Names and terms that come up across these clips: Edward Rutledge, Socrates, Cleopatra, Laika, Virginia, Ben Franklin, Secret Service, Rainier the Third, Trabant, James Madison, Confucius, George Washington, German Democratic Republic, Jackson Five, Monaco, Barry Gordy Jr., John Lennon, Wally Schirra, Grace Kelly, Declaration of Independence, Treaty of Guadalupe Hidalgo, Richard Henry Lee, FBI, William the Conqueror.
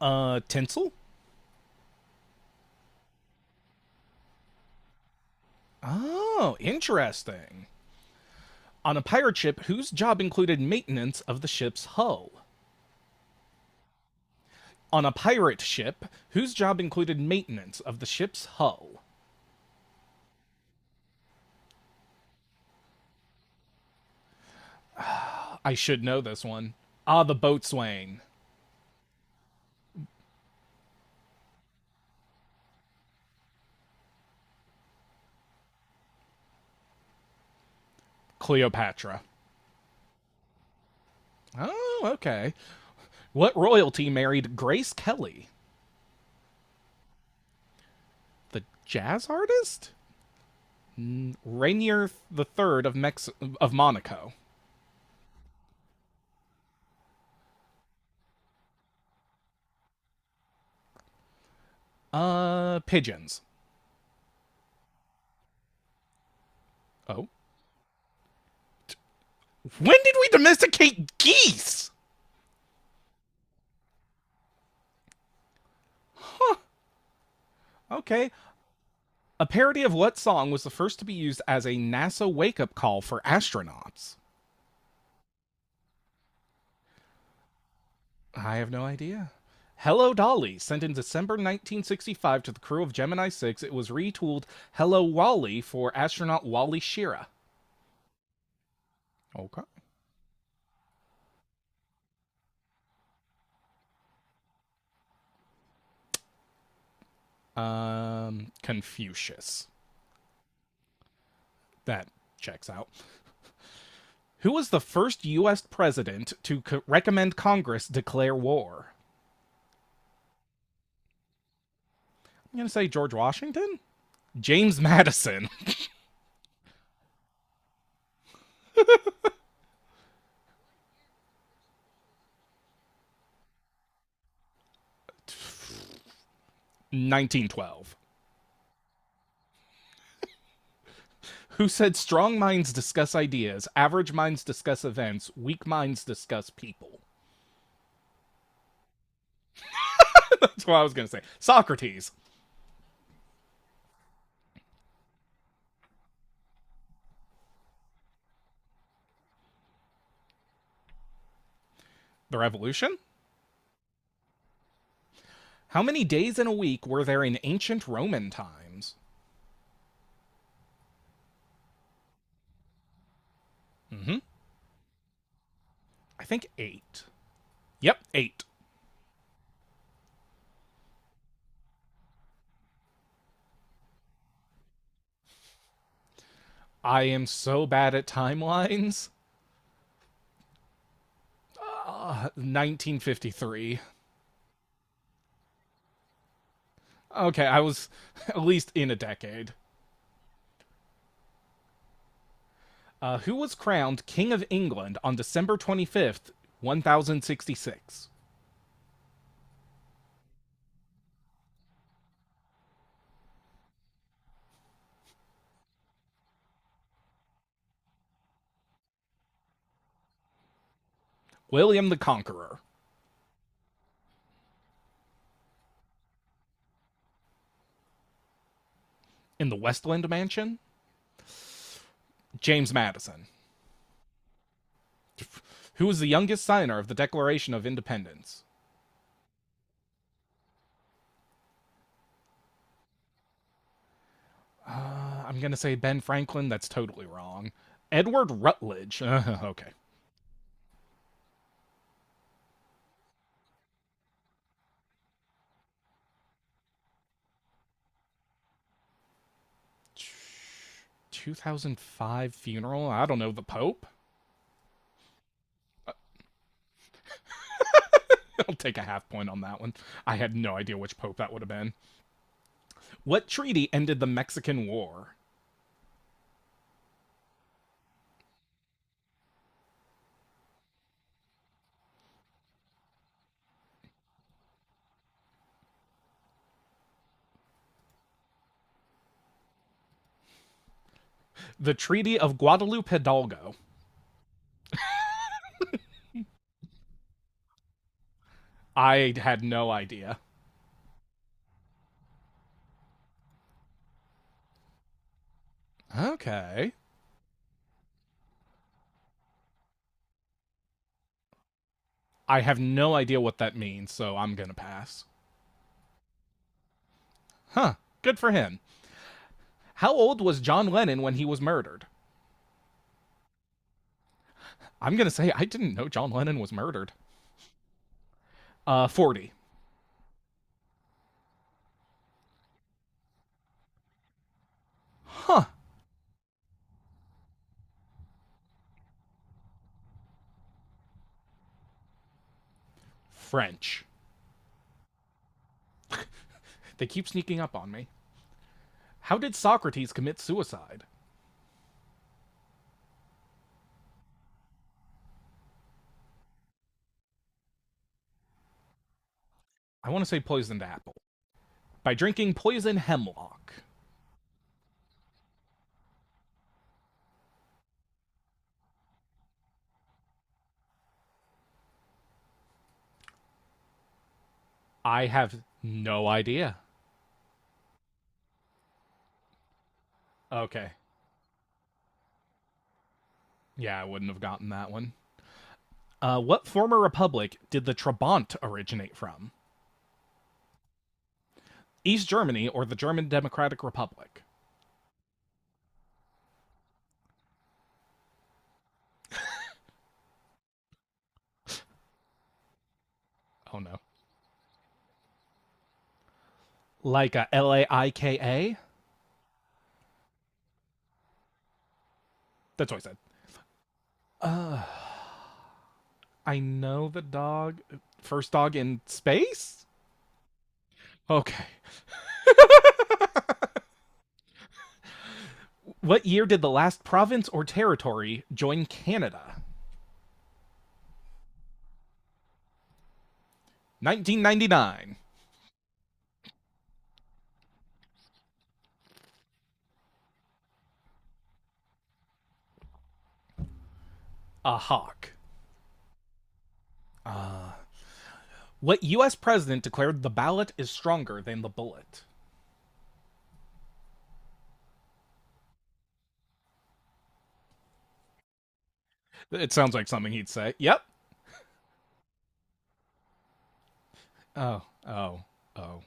Tinsel? Oh, interesting. On a pirate ship whose job included maintenance of the ship's hull. On a pirate ship whose job included maintenance of the ship's hull. I should know this one. Ah, the boatswain. Cleopatra. Oh, okay. What royalty married Grace Kelly? The jazz artist? Rainier the Third of Monaco. Pigeons. Oh, when did we domesticate geese? Okay. A parody of what song was the first to be used as a NASA wake up call for astronauts? I have no idea. Hello Dolly, sent in December 1965 to the crew of Gemini 6, it was retooled Hello Wally for astronaut Wally Schirra. Okay. Confucius. That checks out. Who was the first U.S. president to recommend Congress declare war? I'm going to say George Washington? James Madison. 1912. Who said strong minds discuss ideas, average minds discuss events, weak minds discuss people. That's what I was going to say. Socrates. The revolution? How many days in a week were there in ancient Roman times? Hmm. I think eight. Yep, eight. I am so bad at timelines. 1953. Okay, I was, at least in a decade. Who was crowned King of England on December 25th, 1066? William the Conqueror. In the Westland Mansion? James Madison. Who was the youngest signer of the Declaration of Independence? I'm going to say Ben Franklin. That's totally wrong. Edward Rutledge. Okay. 2005 funeral. I don't know. The Pope? I'll take a half point on that one. I had no idea which pope that would have been. What treaty ended the Mexican War? The Treaty of Guadalupe Hidalgo. I had no idea. Okay. I have no idea what that means, so I'm going to pass. Huh. Good for him. How old was John Lennon when he was murdered? I'm gonna say I didn't know John Lennon was murdered. 40. Huh. French. They keep sneaking up on me. How did Socrates commit suicide? I want to say poisoned apple. By drinking poison hemlock. I have no idea. Okay. Yeah, I wouldn't have gotten that one. What former republic did the Trabant originate from? East Germany or the German Democratic Republic? Oh no. Like a Laika? That's what I said. Uh, I know the dog. First dog in space? Okay. What year did the last province or territory join Canada? 1999. A hawk. What U.S. president declared the ballot is stronger than the bullet? It sounds like something he'd say. Yep. Oh, oh, oh.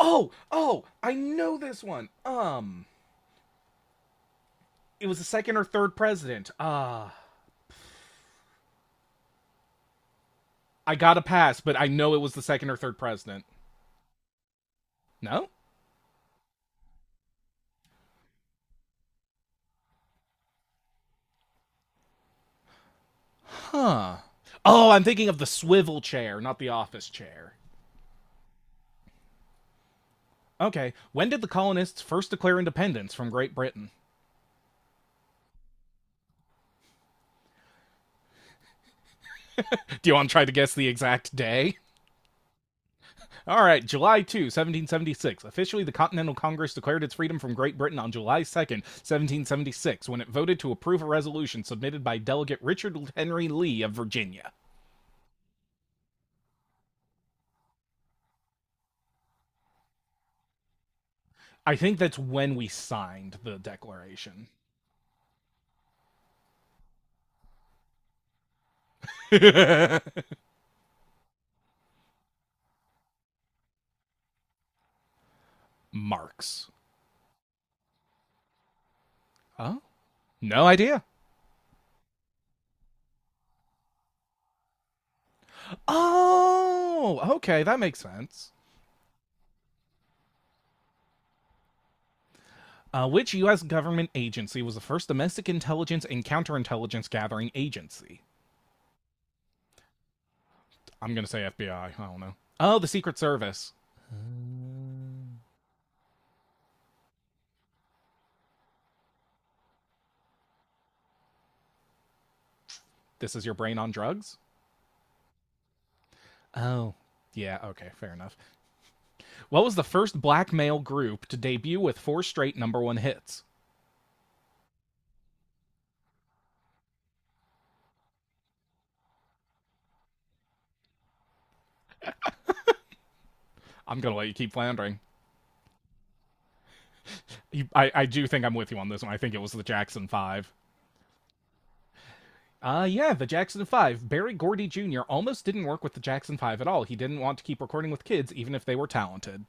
Oh, oh, I know this one. It was the second or third president. I got a pass, but I know it was the second or third president. No? Huh. Oh, I'm thinking of the swivel chair, not the office chair. Okay, when did the colonists first declare independence from Great Britain? Do you want to try to guess the exact day? All right, July 2, 1776. Officially, the Continental Congress declared its freedom from Great Britain on July 2nd, seventeen 1776, when it voted to approve a resolution submitted by Delegate Richard Henry Lee of Virginia. I think that's when we signed the declaration. Marks. Huh? No idea. Oh, okay, that makes sense. Which U.S. government agency was the first domestic intelligence and counterintelligence gathering agency? I'm gonna say FBI. I don't know. Oh, the Secret Service. This is your brain on drugs? Oh, yeah, okay, fair enough. What was the first black male group to debut with four straight number one hits? I'm gonna let you keep floundering. I do think I'm with you on this one. I think it was the Jackson Five. Yeah, the Jackson 5. Barry Gordy Jr. almost didn't work with the Jackson 5 at all. He didn't want to keep recording with kids, even if they were talented.